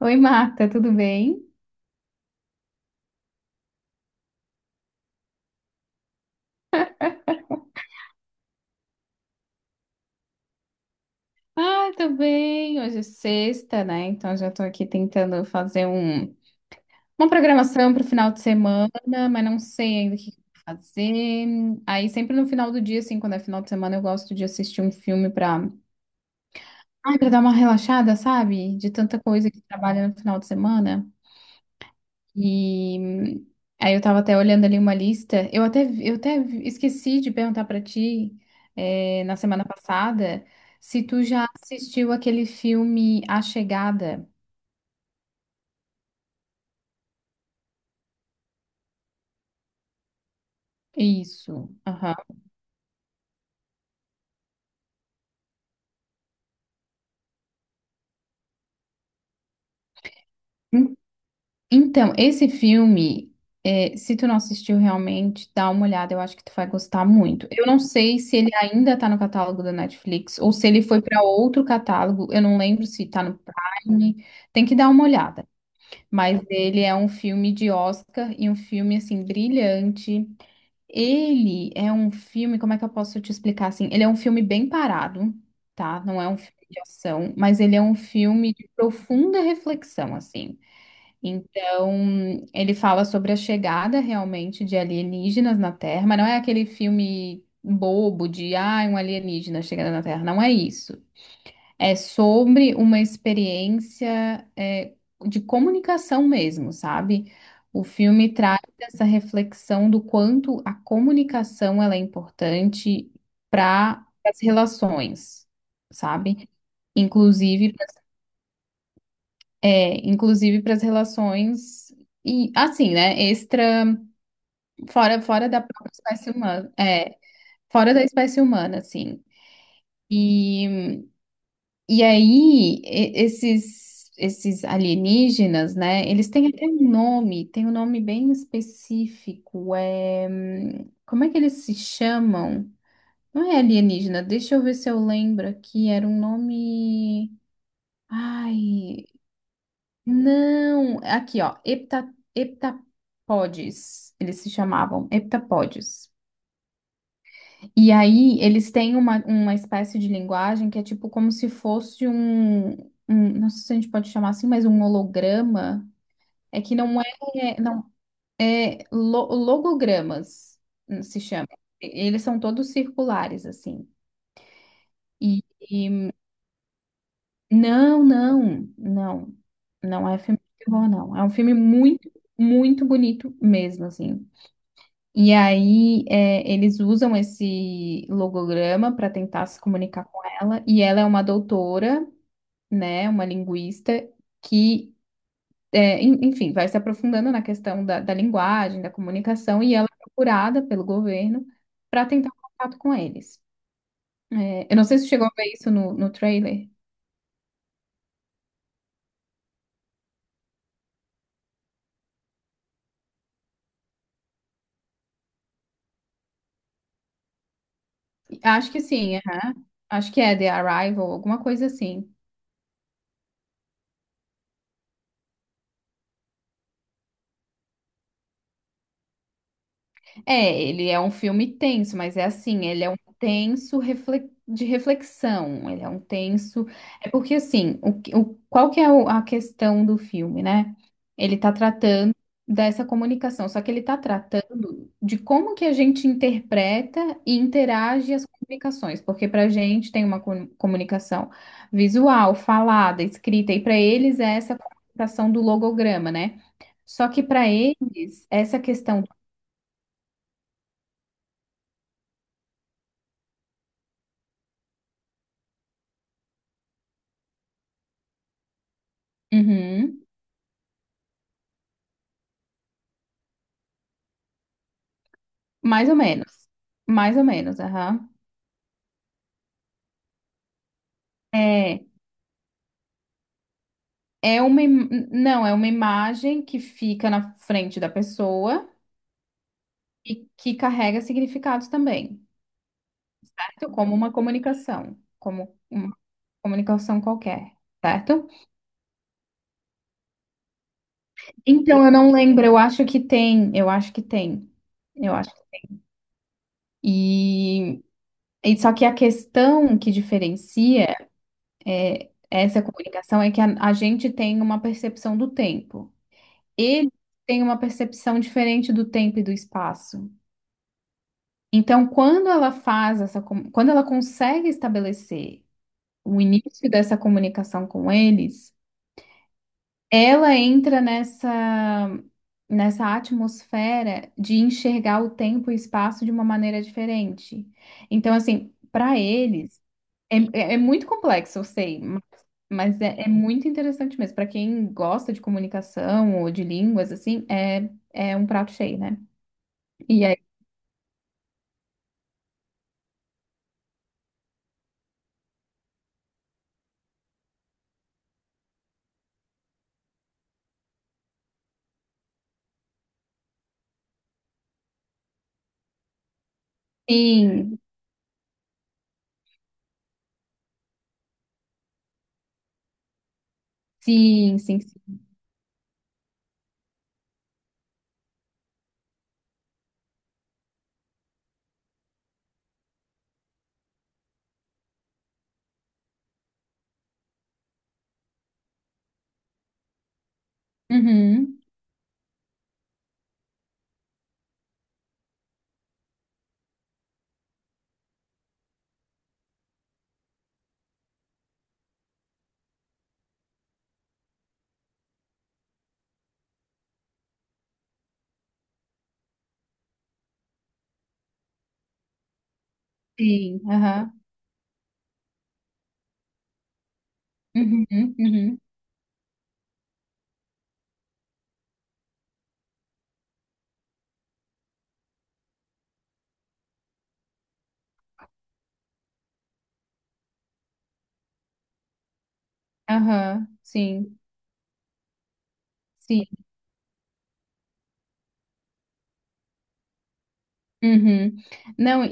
Oi, Marta, tudo bem? Ah, tô bem. Hoje é sexta, né? Então já tô aqui tentando fazer uma programação para o final de semana, mas não sei ainda o que que eu vou fazer. Aí sempre no final do dia, assim, quando é final de semana, eu gosto de assistir um filme para, ai, para dar uma relaxada, sabe? De tanta coisa que trabalha no final de semana. E hum, Aí eu tava até olhando ali uma lista. Eu até esqueci de perguntar pra ti, na semana passada, se tu já assistiu aquele filme A Chegada. Isso. Aham. Hum, então, esse filme, se tu não assistiu realmente, dá uma olhada, eu acho que tu vai gostar muito. Eu não sei se ele ainda tá no catálogo da Netflix ou se ele foi pra outro catálogo. Eu não lembro se tá no Prime. Tem que dar uma olhada. Mas ele é um filme de Oscar e um filme assim brilhante. Ele é um filme, como é que eu posso te explicar assim? Ele é um filme bem parado, tá? Não é um filme de ação, mas ele é um filme de profunda reflexão, assim. Então, ele fala sobre a chegada realmente de alienígenas na Terra, mas não é aquele filme bobo de, ah, um alienígena chegando na Terra, não é isso. É sobre uma experiência é, de comunicação mesmo, sabe? O filme traz essa reflexão do quanto a comunicação ela é importante para as relações, sabe? Inclusive, é, inclusive para as relações e assim, né? Extra fora da própria espécie humana, é, fora da espécie humana, assim. E E aí, e- esses, esses alienígenas, né? Eles têm até um nome, tem um nome bem específico. É... como é que eles se chamam? Não é alienígena, deixa eu ver se eu lembro aqui. Era um nome. Ai, não! Aqui, ó, hepta... heptapodes. Eles se chamavam heptapodes. E aí, eles têm uma espécie de linguagem que é tipo como se fosse um, um- não sei se a gente pode chamar assim, mas um holograma. É que não é, não, é lo- logogramas, se chama. E- eles são todos circulares, assim. E, e- não, não, não, não é filme de terror, não. É um filme muito, muito bonito mesmo, assim. E aí, é, eles usam esse logograma para tentar se comunicar com ela. E ela é uma doutora, né, uma linguista, que, é, en- enfim, vai se aprofundando na questão da, da linguagem, da comunicação. E ela é procurada pelo governo para tentar um contato com eles. É, eu não sei se chegou a ver isso no, no trailer. Acho que sim, aham. Acho que é The Arrival, alguma coisa assim. É, ele é um filme tenso, mas é assim, ele é um tenso refle- de reflexão, ele é um tenso. É porque assim, o, que- o- qual que é o- a questão do filme, né? Ele tá tratando dessa comunicação, só que ele tá tratando de como que a gente interpreta e interage as comunicações, porque pra gente tem uma com- comunicação visual, falada, escrita, e pra eles é essa comunicação do logograma, né? Só que pra eles, essa questão. Uhum. Mais ou menos. Mais ou menos, aham. É, é uma, im- não, é uma imagem que fica na frente da pessoa e que carrega significados também, certo? Como uma comunicação qualquer, certo? Então, eu não lembro, eu acho que tem, eu acho. E, e só que a questão que diferencia essa comunicação é que a gente tem uma percepção do tempo. Ele tem uma percepção diferente do tempo e do espaço. Então, quando ela faz essa, com- quando ela consegue estabelecer o início dessa comunicação com eles, ela entra nessa nessa atmosfera de enxergar o tempo e espaço de uma maneira diferente. Então, assim, para eles é, é- é muito complexo, eu sei, mas é, é muito interessante mesmo. Para quem gosta de comunicação ou de línguas, assim, é, é um prato cheio, né? E aí, sim, sim, sim, sim. Uhum, sim, aham, uhum, uhum, aham, sim, sim, uhum. Não,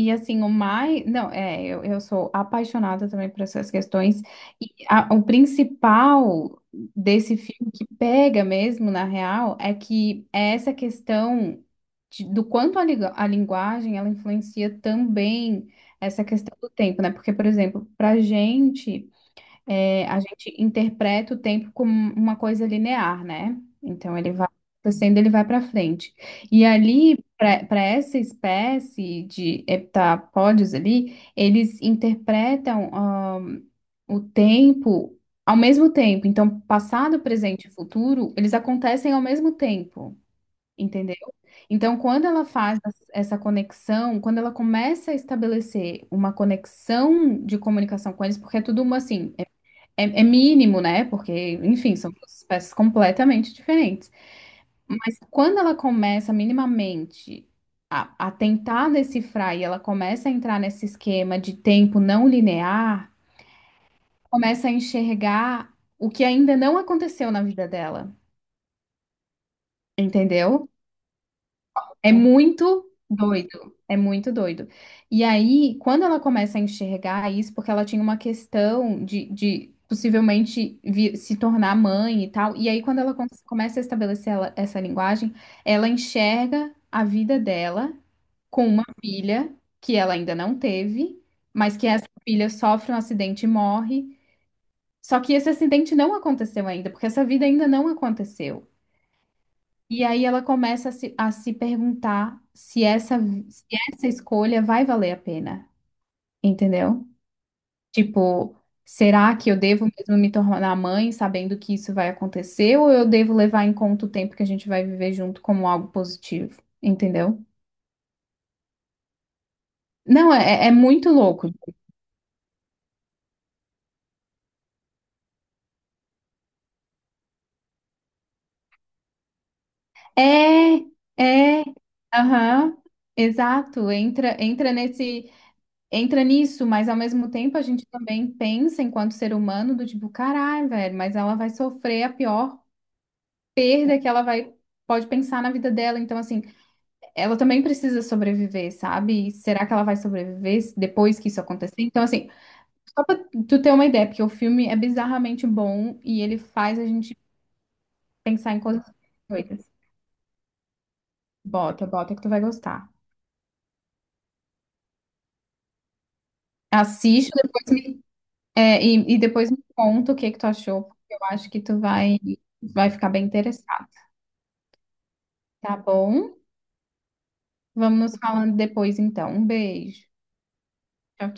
e assim, o mais, não, é, eu sou apaixonada também por essas questões, e a- o principal desse filme que pega mesmo, na real, é que é essa questão de- do quanto a, liga- a linguagem, ela influencia também essa questão do tempo, né? Porque, por exemplo, pra gente... é, a gente interpreta o tempo como uma coisa linear, né? Então ele vai acontecendo, ele vai para frente. E ali, para essa espécie de heptapódios ali, eles interpretam o tempo ao mesmo tempo. Então, passado, presente e futuro, eles acontecem ao mesmo tempo. Entendeu? Então, quando ela faz as- essa conexão, quando ela começa a estabelecer uma conexão de comunicação com eles, porque é tudo uma assim, é, é mínimo, né? Porque, enfim, são duas espécies completamente diferentes. Mas quando ela começa minimamente a tentar decifrar e ela começa a entrar nesse esquema de tempo não linear, começa a enxergar o que ainda não aconteceu na vida dela, entendeu? É muito doido, é muito doido. E aí, quando ela começa a enxergar isso, porque ela tinha uma questão de possivelmente vi- se tornar mãe e tal, e aí quando ela com- começa a estabelecer ela- essa linguagem, ela enxerga a vida dela com uma filha que ela ainda não teve, mas que essa filha sofre um acidente e morre. Só que esse acidente não aconteceu ainda, porque essa vida ainda não aconteceu. E aí ela começa a se perguntar se essa, se essa escolha vai valer a pena, entendeu? Tipo, será que eu devo mesmo me tornar mãe sabendo que isso vai acontecer, ou eu devo levar em conta o tempo que a gente vai viver junto como algo positivo, entendeu? Não, é, é muito louco. É, é, aham, exato, entra, entra nesse. Entra nisso, mas ao mesmo tempo a gente também pensa enquanto ser humano do tipo, caralho, velho, mas ela vai sofrer a pior perda que ela vai pode pensar na vida dela, então assim, ela também precisa sobreviver, sabe? E será que ela vai sobreviver depois que isso acontecer? Então assim, só pra tu ter uma ideia, porque o filme é bizarramente bom e ele faz a gente pensar em coisas doidas. Bota, bota que tu vai gostar. Assiste depois me é, e depois me conta o que que tu achou, porque eu acho que tu vai, vai ficar bem interessado, tá bom? Vamos nos falando depois, então. Um beijo. Tchau, tchau.